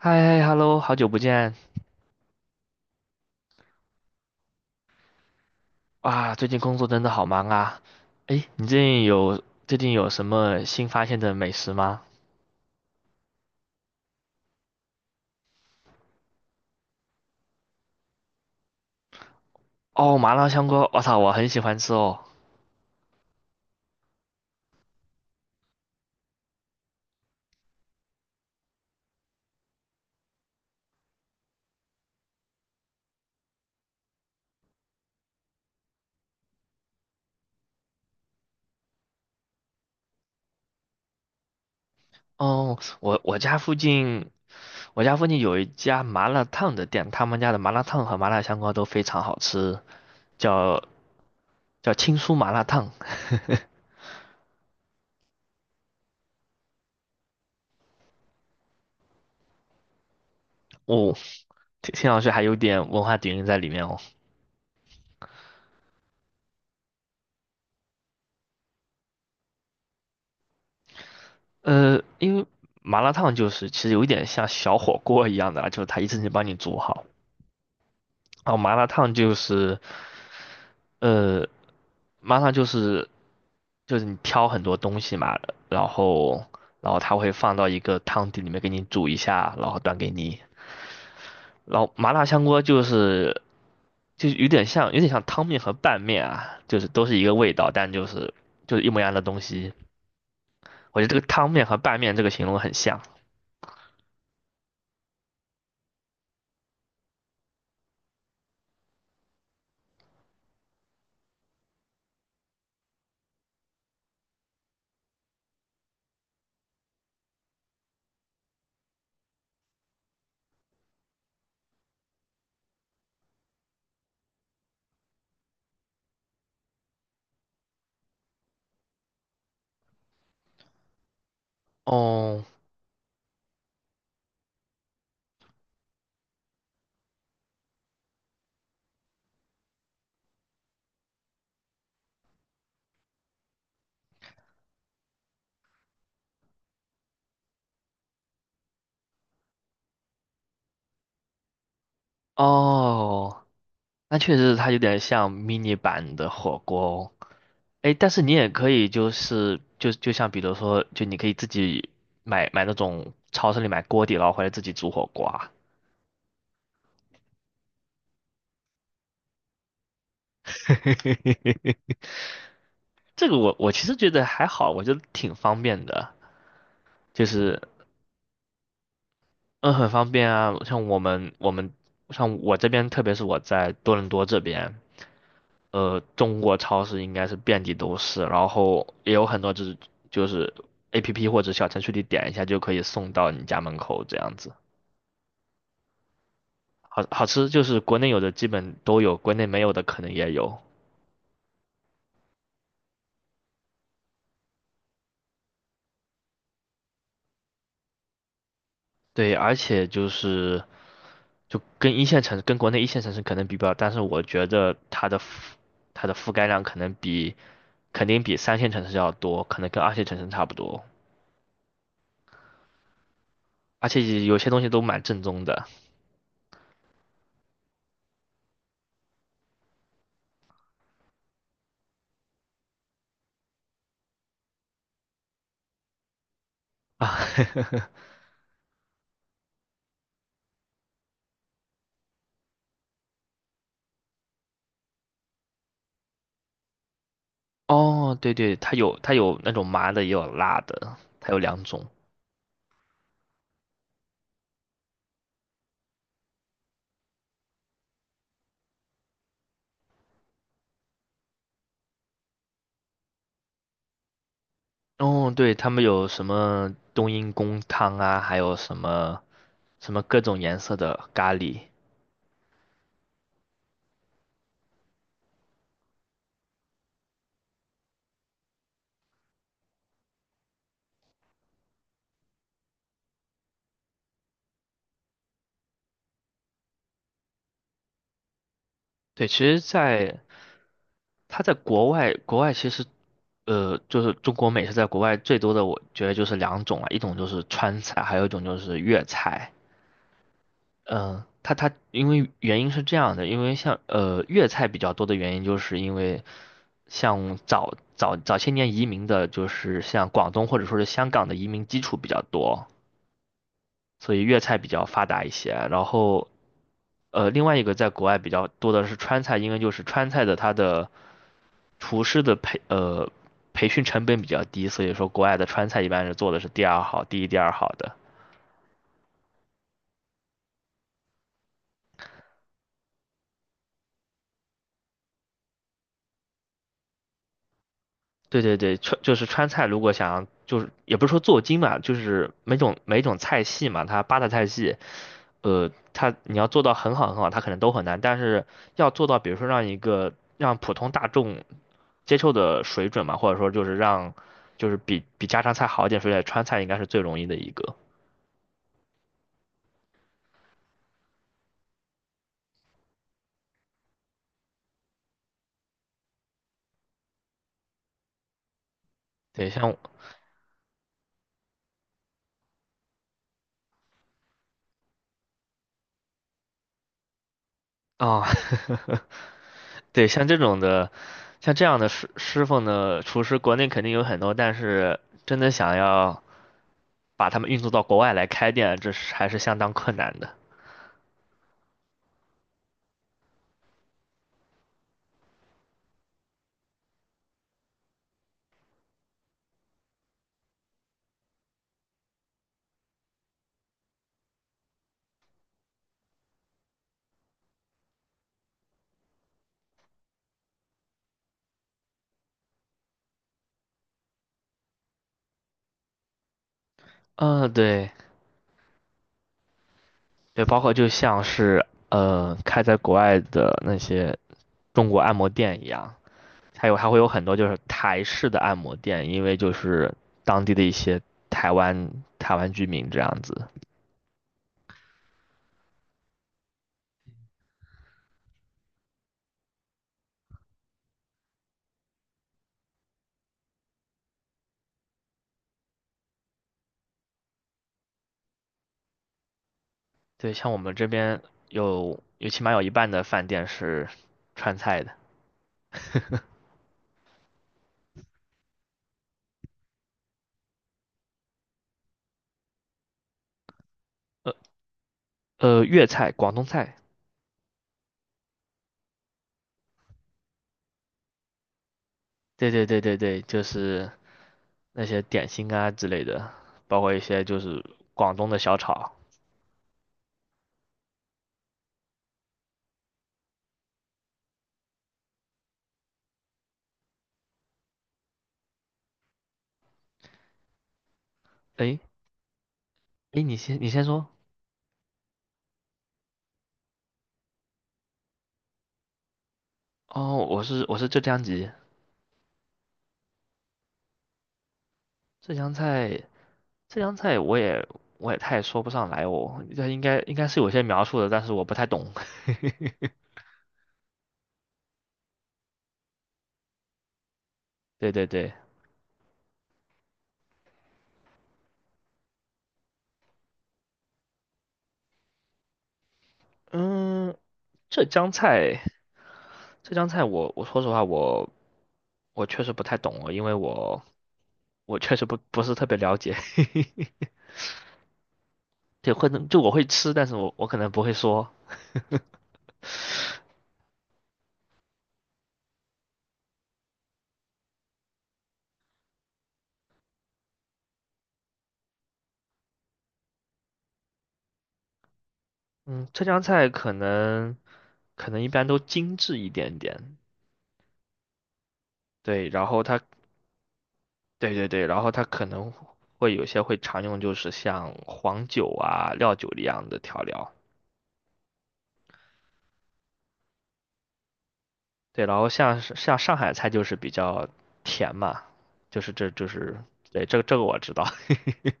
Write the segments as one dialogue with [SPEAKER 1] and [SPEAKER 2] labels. [SPEAKER 1] 嗨嗨，hello，好久不见哇！最近工作真的好忙啊。诶，你最近有什么新发现的美食吗？哦，麻辣香锅，我操，我很喜欢吃哦。哦，我家附近有一家麻辣烫的店，他们家的麻辣烫和麻辣香锅都非常好吃，叫青苏麻辣烫。哦，听上去还有点文化底蕴在里面哦。因为麻辣烫就是其实有一点像小火锅一样的啦，就是它一次性帮你煮好。然后呃，麻辣烫就是你挑很多东西嘛，然后然后它会放到一个汤底里面给你煮一下，然后端给你。然后麻辣香锅就是有点像汤面和拌面啊，就是都是一个味道，但就是一模一样的东西。我觉得这个汤面和拌面这个形容很像。哦哦。那确实它有点像 mini 版的火锅哦。哎，但是你也可以就像比如说，就你可以自己买那种超市里买锅底，然后回来自己煮火锅啊。这个我其实觉得还好，我觉得挺方便的，就是嗯很方便啊。像我们我们像我这边，特别是我在多伦多这边，中国超市应该是遍地都是，然后也有很多就是 APP 或者小程序里点一下就可以送到你家门口这样子。好就是国内有的基本都有，国内没有的可能也有。对，而且就跟一线城市跟国内一线城市可能比不了，但是我觉得它的它的覆盖量可能肯定比三线城市要多，可能跟二线城市差不多。而且有些东西都蛮正宗的啊。哦，对对，它有那种麻的，也有辣的，它有两种。哦，对，他们有什么冬阴功汤啊，还有什么各种颜色的咖喱。对，其实在，它在国外，国外其实，呃，就是中国美食在国外最多的，我觉得就是两种啊，一种就是川菜，还有一种就是粤菜。嗯、它因为原因是这样的，因为像粤菜比较多的原因，就是因为像早些年移民的，就是像广东或者说是香港的移民基础比较多，所以粤菜比较发达一些。然后呃，另外一个在国外比较多的是川菜，因为就是川菜的它的厨师的培呃培训成本比较低，所以说国外的川菜一般是做的是第二好、第二好的。对对对，川就是川菜，如果想要就是也不是说做精吧，就是每种菜系嘛，它八大菜系，呃，它你要做到很好很好，它可能都很难，但是要做到比如说让一个让普通大众接受的水准嘛，或者说就是让比家常菜好一点水准，川菜应该是最容易的一个。对，像啊，对，像这种的，像这样的师傅呢，厨师国内肯定有很多，但是真的想要把他们运作到国外来开店，这是还是相当困难的。嗯，对对，包括就像是开在国外的那些中国按摩店一样，还有会有很多就是台式的按摩店，因为就是当地的一些台湾台湾居民这样子。对，像我们这边起码有一半的饭店是川菜的，呃呃，粤菜、广东菜，对对对对对，就是那些点心啊之类的，包括一些就是广东的小炒。诶，你先说。哦，我是浙江籍，浙江菜浙江菜我也太说不上来哦，这应该是有些描述的，但是我不太懂。对对对，嗯，浙江菜。浙江菜我说实话我确实不太懂哦，因为我确实不是特别了解，对，会能就我会吃，但是我可能不会说。嗯，浙江菜可能一般都精致一点点，对，然后它可能会有些会常用，就是像黄酒啊、料酒一样的调料，对，然后像上海菜就是比较甜嘛，就是这就是对这个我知道。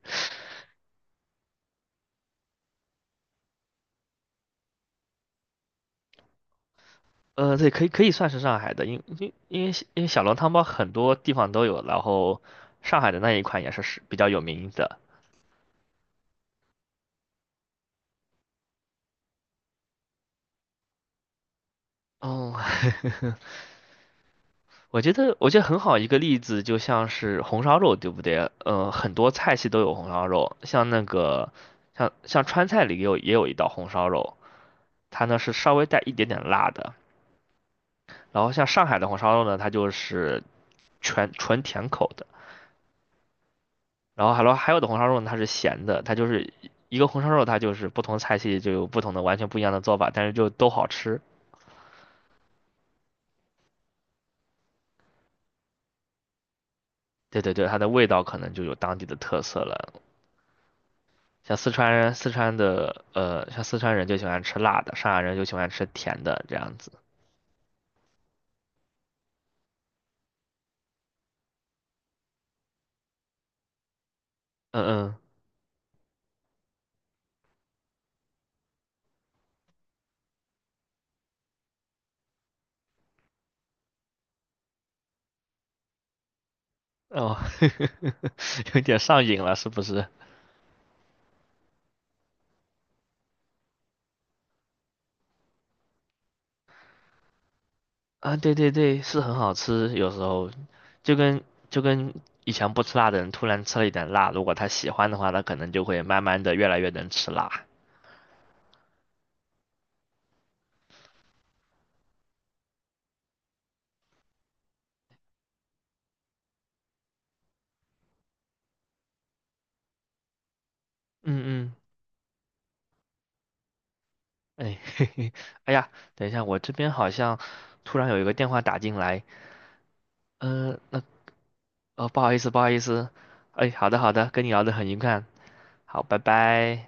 [SPEAKER 1] 呃，对，可以算是上海的，因为小笼汤包很多地方都有，然后上海的那一款是比较有名的。哦，我觉得很好一个例子，就像是红烧肉，对不对？呃，很多菜系都有红烧肉，像那个像川菜里也有一道红烧肉，它呢是稍微带一点点辣的，然后像上海的红烧肉呢，它就是全纯甜口的。然后还有的红烧肉呢，它是咸的，它就是一个红烧肉，它就是不同菜系就有不同的完全不一样的做法，但是就都好吃。对对对，它的味道可能就有当地的特色了。像四川人，四川人就喜欢吃辣的，上海人就喜欢吃甜的，这样子。嗯嗯，哦，有点上瘾了，是不是？啊，对对对，是很好吃，有时候就跟就跟以前不吃辣的人突然吃了一点辣，如果他喜欢的话，他可能就会慢慢的越来越能吃辣。嗯嗯，哎，嘿嘿，哎呀，等一下，我这边好像突然有一个电话打进来，呃，那哦，不好意思，不好意思，哎，好的好的，跟你聊得很愉快，好，拜拜。